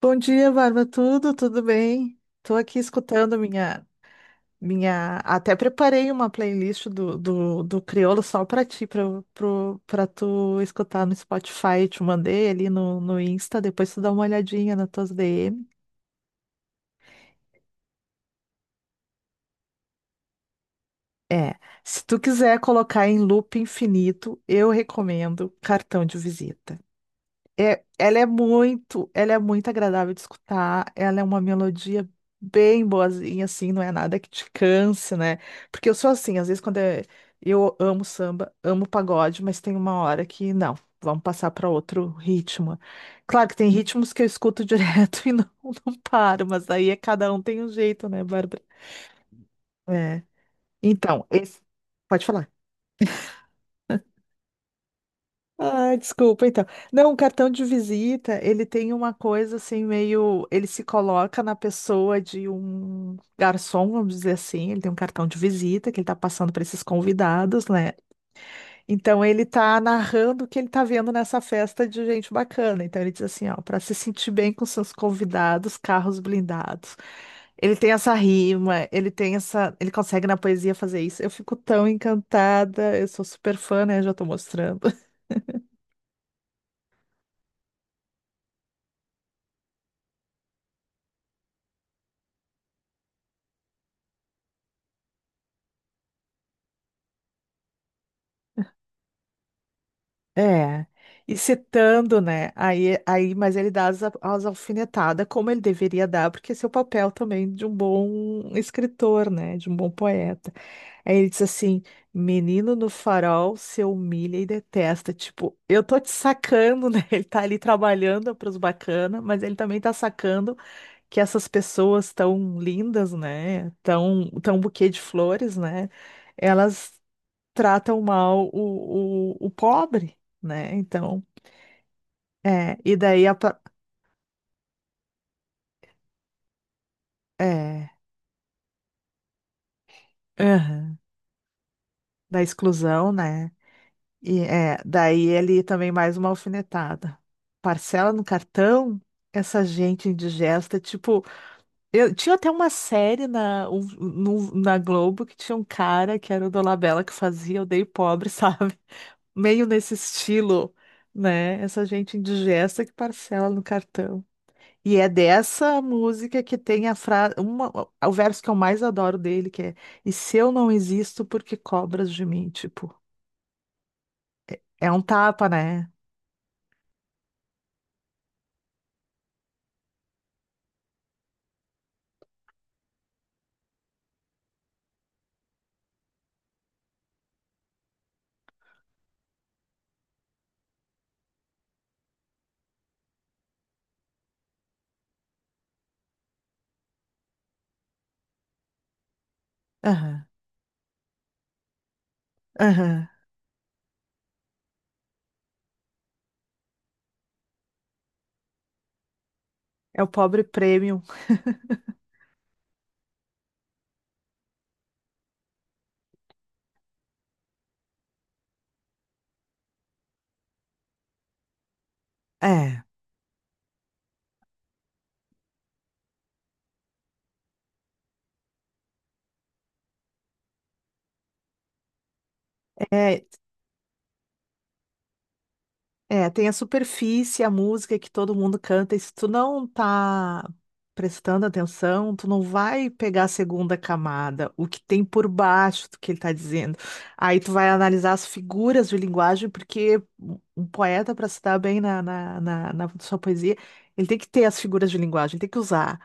Bom dia, Bárbara. Tudo bem? Estou aqui escutando minha. Até preparei uma playlist do Criolo só para ti, para tu escutar no Spotify. Te mandei ali no Insta, depois tu dá uma olhadinha nas tuas DM. É, se tu quiser colocar em loop infinito, eu recomendo cartão de visita. É, ela é muito agradável de escutar, ela é uma melodia bem boazinha, assim, não é nada que te canse, né? Porque eu sou assim, às vezes eu amo samba, amo pagode, mas tem uma hora que não, vamos passar para outro ritmo. Claro que tem ritmos que eu escuto direto e não, não paro, mas aí é cada um tem um jeito, né, Bárbara? É. Então, esse. Pode falar. Ah, desculpa, então. Não, o cartão de visita, ele tem uma coisa assim, meio. Ele se coloca na pessoa de um garçom, vamos dizer assim. Ele tem um cartão de visita que ele tá passando para esses convidados, né? Então, ele tá narrando o que ele tá vendo nessa festa de gente bacana. Então, ele diz assim: ó, para se sentir bem com seus convidados, carros blindados. Ele tem essa rima, ele tem essa. Ele consegue na poesia fazer isso. Eu fico tão encantada, eu sou super fã, né? Já tô mostrando. É, e citando, né? Aí, mas ele dá as alfinetadas como ele deveria dar, porque esse é o papel também de um bom escritor, né? De um bom poeta. Aí ele diz assim: Menino no farol se humilha e detesta. Tipo, eu tô te sacando, né? Ele tá ali trabalhando pros bacana, mas ele também tá sacando que essas pessoas tão lindas, né? Tão buquê de flores, né? Elas tratam mal o pobre, né? Então, é, é, aham, da exclusão, né? E é, daí ele também mais uma alfinetada. Parcela no cartão, essa gente indigesta, tipo, eu tinha até uma série na, um- no- na Globo que tinha um cara que era o Dolabella que fazia Odeio Pobre, sabe? Meio nesse estilo, né? Essa gente indigesta que parcela no cartão. E é dessa música que tem a frase, uma, o verso que eu mais adoro dele, que é: E se eu não existo, por que cobras de mim? Tipo, é um tapa, né? Aham, aham. É o pobre premium. É, é. É, tem a superfície, a música que todo mundo canta, e se tu não tá prestando atenção, tu não vai pegar a segunda camada, o que tem por baixo do que ele tá dizendo. Aí tu vai analisar as figuras de linguagem, porque um poeta, para se dar bem na sua poesia, ele tem que ter as figuras de linguagem, ele tem que usar,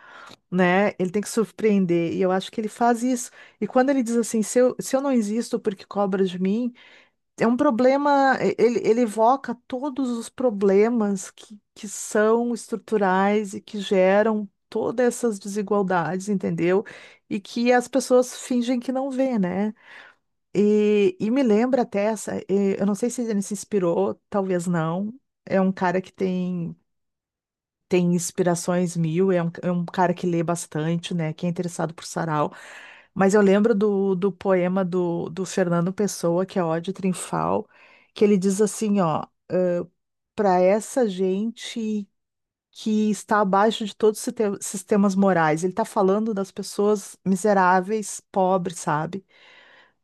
né? Ele tem que surpreender, e eu acho que ele faz isso. E quando ele diz assim, se eu não existo porque cobra de mim. É um problema, ele evoca todos os problemas que são estruturais e que geram todas essas desigualdades, entendeu? E que as pessoas fingem que não vê, né? E me lembra até essa, e eu não sei se ele se inspirou, talvez não. É um cara que tem inspirações mil, é um cara que lê bastante, né? Que é interessado por sarau. Mas eu lembro do poema do Fernando Pessoa, que é Ode Triunfal, que ele diz assim, ó, para essa gente que está abaixo de todos os sistemas morais. Ele está falando das pessoas miseráveis, pobres, sabe?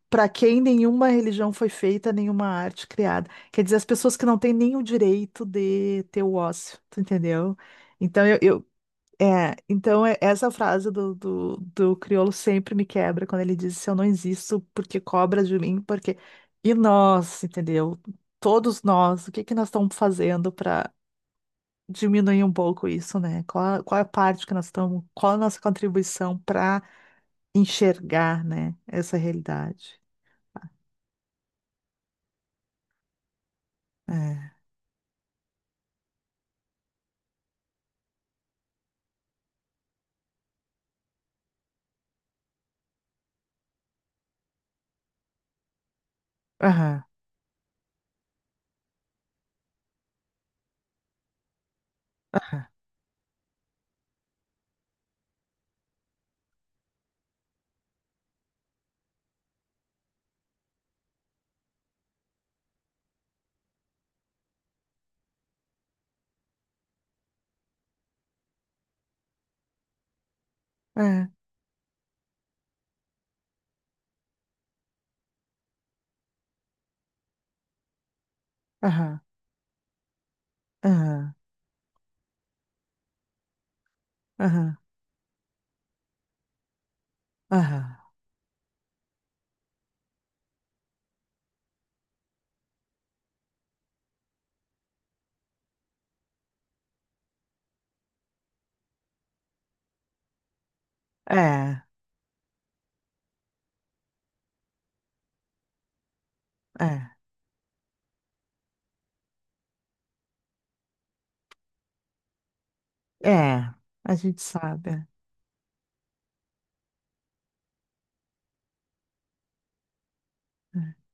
Para quem nenhuma religião foi feita, nenhuma arte criada. Quer dizer, as pessoas que não têm nem o direito de ter o ócio, tu entendeu? Então, eu, é, então é- essa frase do crioulo sempre me quebra quando ele diz se eu não existo, porque cobra de mim, porque. E nós, entendeu? Todos nós, o que que nós estamos fazendo para diminuir um pouco isso, né? Qual é a parte que nós estamos, qual a nossa contribuição para enxergar, né, essa realidade? É. Aham, aham, é, aham, aham, aham, aham. É, é, é. A gente sabe. É. É.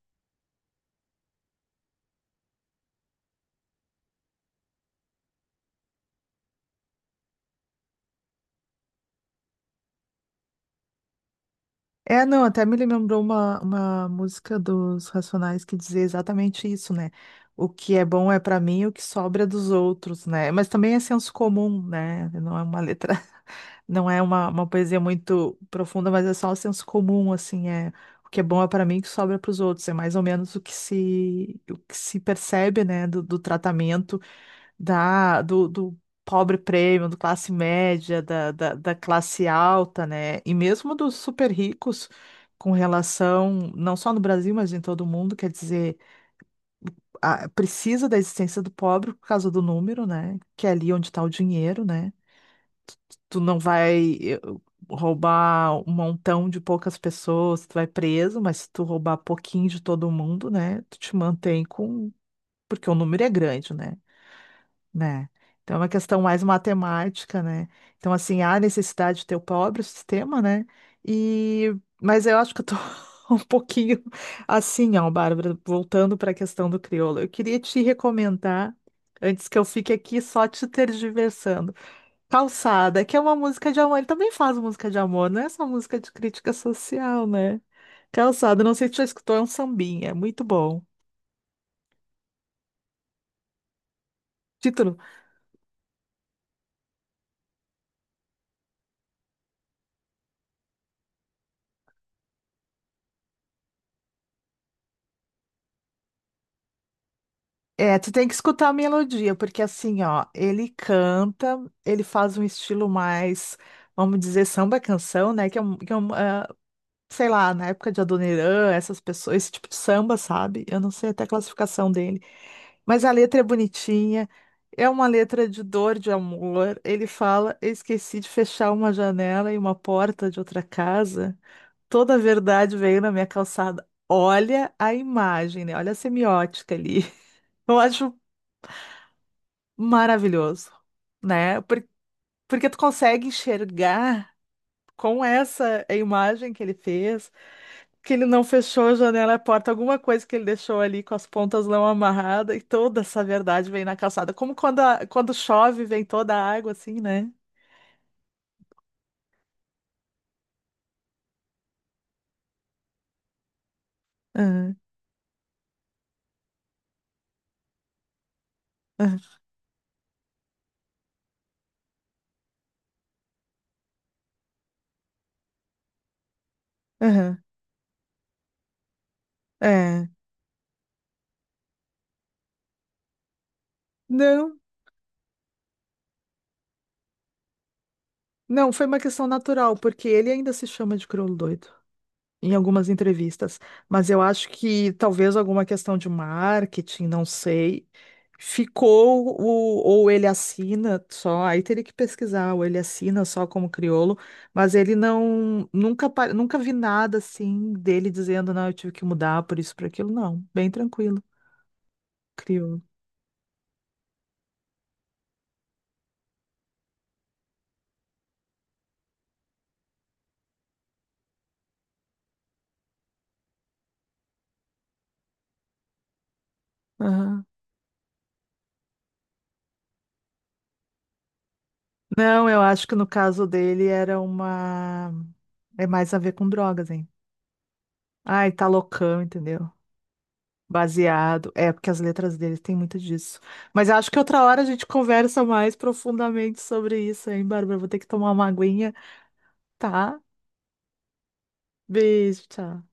É, não, até me lembrou uma música dos Racionais que dizia exatamente isso, né? O que é bom é pra mim, o que sobra é dos outros, né? Mas também é senso comum, né? Não é uma letra, não é uma poesia muito profunda, mas é só o senso comum, assim, é o que é bom é pra mim, o que sobra é pros outros. É mais ou menos o que se percebe, né, do tratamento do pobre prêmio, do classe média, da classe alta, né? E mesmo dos super ricos com relação, não só no Brasil, mas em todo o mundo, quer dizer, precisa da existência do pobre por causa do número, né? Que é ali onde está o dinheiro, né? Tu não vai roubar um montão de poucas pessoas, tu vai preso, mas se tu roubar pouquinho de todo mundo, né? Tu te mantém com. Porque o número é grande, né? Né? Então, é uma questão mais matemática, né? Então, assim, há necessidade de ter o próprio sistema, né? E. Mas eu acho que eu tô um pouquinho assim, ó, Bárbara, voltando para a questão do crioulo. Eu queria te recomendar, antes que eu fique aqui só te tergiversando, Calçada, que é uma música de amor. Ele também faz música de amor, não é só música de crítica social, né? Calçada, não sei se tu já escutou, é um sambinha, é muito bom. Título. É, tu tem que escutar a melodia, porque assim, ó, ele canta, ele faz um estilo mais, vamos dizer, samba canção, né? Que é, que é um, sei lá, na época de Adoniran, essas pessoas, esse tipo de samba, sabe? Eu não sei até a classificação dele. Mas a letra é bonitinha, é uma letra de dor, de amor. Ele fala: Eu esqueci de fechar uma janela e uma porta de outra casa. Toda a verdade veio na minha calçada. Olha a imagem, né? Olha a semiótica ali. Eu acho maravilhoso, né? Porque tu consegue enxergar com essa imagem que ele fez, que ele não fechou a janela e a porta, alguma coisa que ele deixou ali com as pontas não amarradas, e toda essa verdade vem na calçada. Como quando, quando chove, vem toda a água, assim, né? Aham, aham, aham, é. Não, não, foi uma questão natural, porque ele ainda se chama de crioulo doido em algumas entrevistas, mas eu acho que talvez alguma questão de marketing, não sei. Ou ele assina só, aí teria que pesquisar, ou ele assina só como crioulo, mas ele não, nunca vi nada assim dele dizendo, não, eu tive que mudar por isso, por aquilo, não, bem tranquilo, crioulo. Aham. Não, eu acho que no caso dele era uma, é mais a ver com drogas, hein? Ai, tá loucão, entendeu? Baseado. É, porque as letras dele têm muito disso. Mas acho que outra hora a gente conversa mais profundamente sobre isso, hein, Bárbara? Vou ter que tomar uma aguinha, tá? Beijo, tchau.